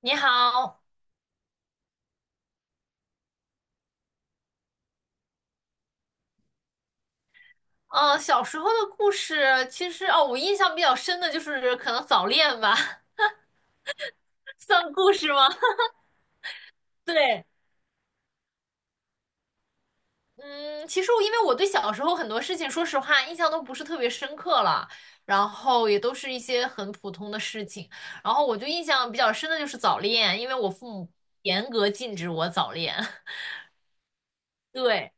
你好，小时候的故事，其实哦，我印象比较深的就是可能早恋吧，算故事吗？对。嗯，其实我因为我对小时候很多事情，说实话印象都不是特别深刻了，然后也都是一些很普通的事情，然后我就印象比较深的就是早恋，因为我父母严格禁止我早恋。对，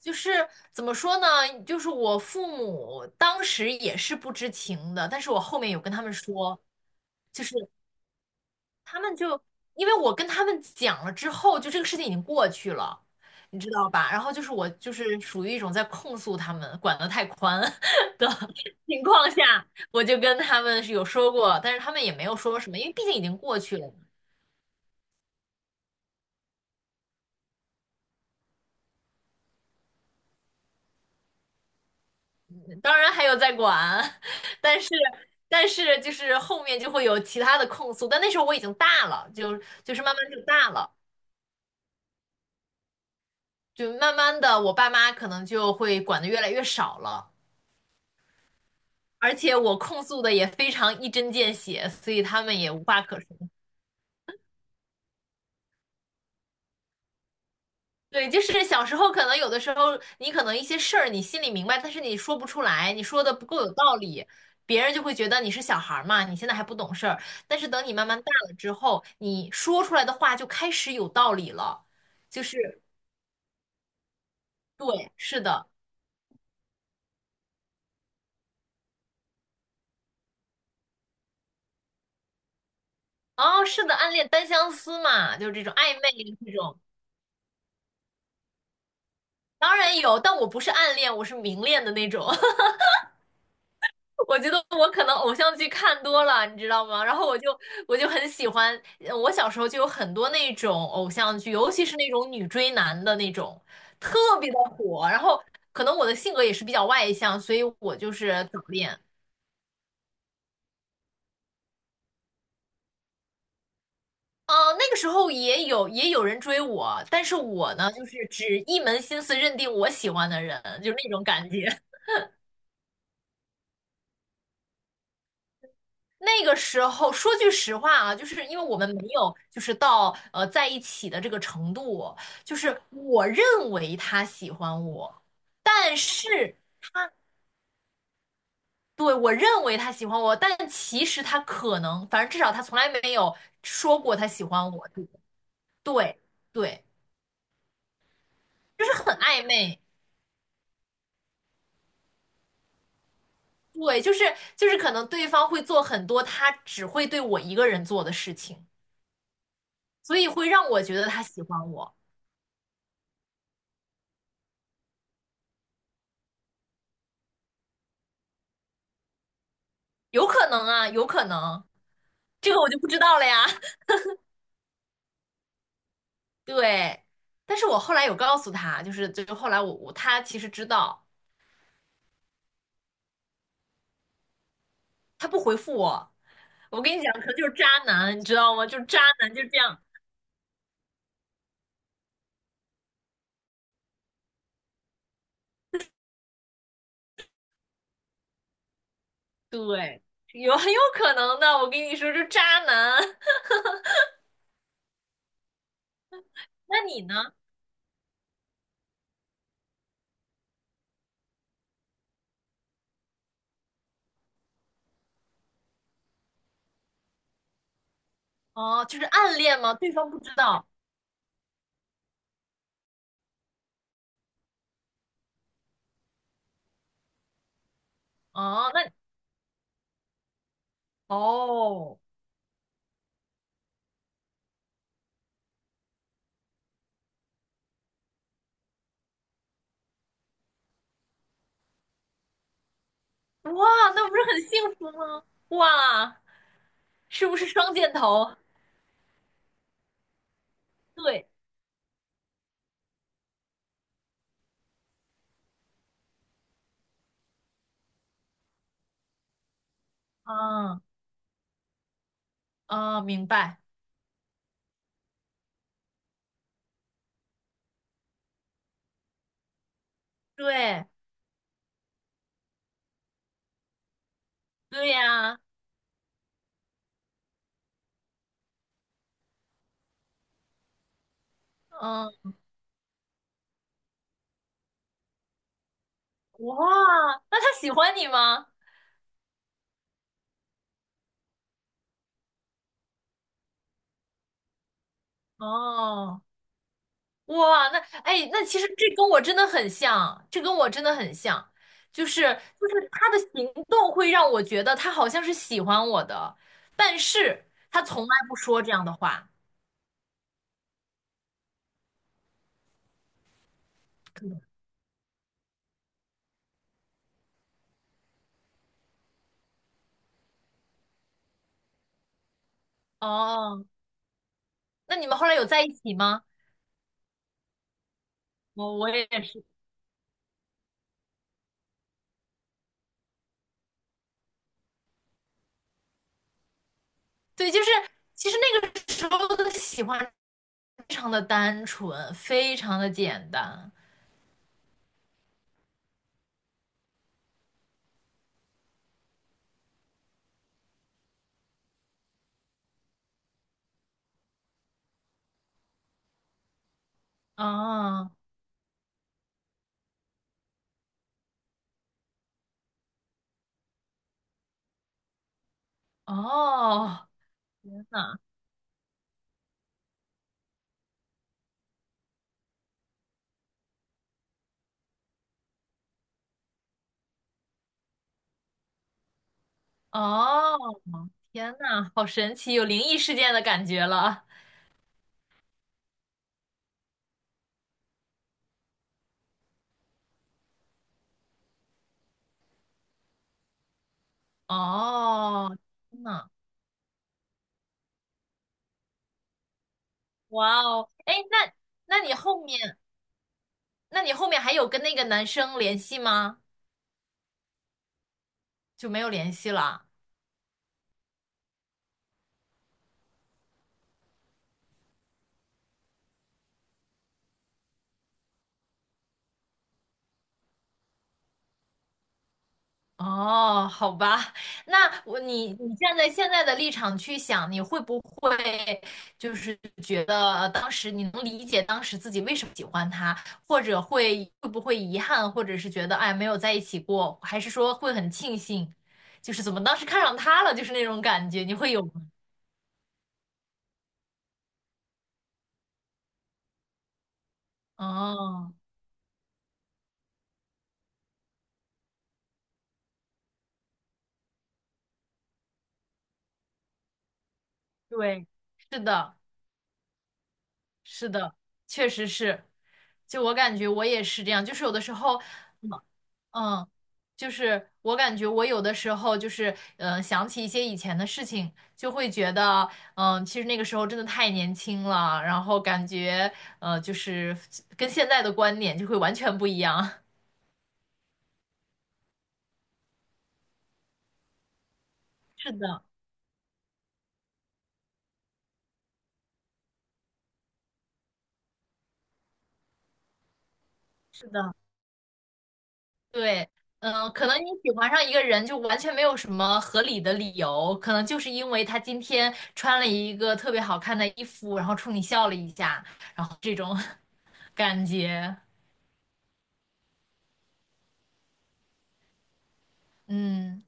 就是怎么说呢？就是我父母当时也是不知情的，但是我后面有跟他们说。就是他们就因为我跟他们讲了之后，就这个事情已经过去了，你知道吧？然后就是我就是属于一种在控诉他们管得太宽 的情况下，我就跟他们是有说过，但是他们也没有说什么，因为毕竟已经过去了。当然还有在管，但是但是就是后面就会有其他的控诉，但那时候我已经大了，就是慢慢就大了，就慢慢的我爸妈可能就会管的越来越少了。而且我控诉的也非常一针见血，所以他们也无话可说。对，就是小时候可能有的时候，你可能一些事儿你心里明白，但是你说不出来，你说的不够有道理，别人就会觉得你是小孩儿嘛，你现在还不懂事儿。但是等你慢慢大了之后，你说出来的话就开始有道理了，就是对，是的。哦，是的，暗恋单相思嘛，就是这种暧昧啊这种，当然有，但我不是暗恋，我是明恋的那种。我觉得我可能偶像剧看多了，你知道吗？然后我就很喜欢，我小时候就有很多那种偶像剧，尤其是那种女追男的那种，特别的火。然后可能我的性格也是比较外向，所以我就是早恋。那个时候也有人追我，但是我呢，就是只一门心思认定我喜欢的人，就那种感觉。那个时候说句实话啊，就是因为我们没有就是到在一起的这个程度，就是我认为他喜欢我，但是他对我认为他喜欢我，但其实他可能，反正至少他从来没有说过他喜欢我。对对，就是很暧昧。对，就是可能对方会做很多他只会对我一个人做的事情，所以会让我觉得他喜欢我，有可能啊，有可能。这个我就不知道了呀。对，但是我后来有告诉他，就是就后来我他其实知道，他不回复我。我跟你讲，可能就是渣男，你知道吗？就是渣男就是这样，对，有很有可能的。我跟你说，就是渣男。那你呢？哦，就是暗恋吗？对方不知道。哦，那哦，哇，那不是很幸福吗？哇，是不是双箭头？对，嗯啊，明白。对，对呀，嗯、哇，那他喜欢你吗？哦，哇，那哎，那其实这跟我真的很像，这跟我真的很像，就是就是他的行动会让我觉得他好像是喜欢我的，但是他从来不说这样的话。哦，那你们后来有在一起吗？我我也是。对，就是其实那个时候的喜欢非常的单纯，非常的简单。啊哦，天呐！哦，天呐，好神奇，有灵异事件的感觉了。哦，天呐，哇哦，哎，那那你后面，那你后面还有跟那个男生联系吗？就没有联系了。哦，好吧，那我你你站在现在的立场去想，你会不会就是觉得当时你能理解当时自己为什么喜欢他，或者会会不会遗憾，或者是觉得哎没有在一起过，还是说会很庆幸，就是怎么当时看上他了，就是那种感觉，你会有吗？哦，对，是的。是的，确实是。就我感觉我也是这样，就是有的时候，嗯，嗯就是我感觉我有的时候就是嗯、想起一些以前的事情，就会觉得嗯、其实那个时候真的太年轻了，然后感觉就是跟现在的观点就会完全不一样。是的，是的。对，嗯，可能你喜欢上一个人就完全没有什么合理的理由，可能就是因为他今天穿了一个特别好看的衣服，然后冲你笑了一下，然后这种 感觉，嗯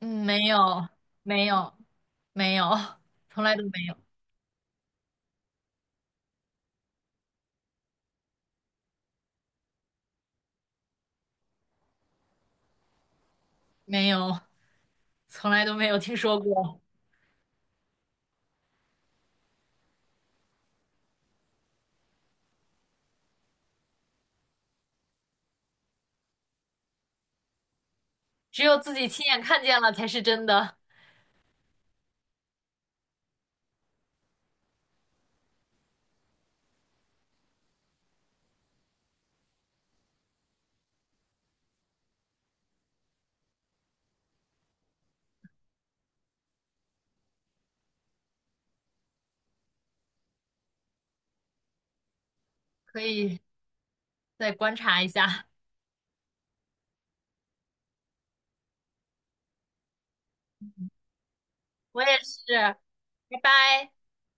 嗯，没有没有没有，从来都没有没有，从来都没有听说过，只有自己亲眼看见了才是真的，可以再观察一下。我也是，拜拜。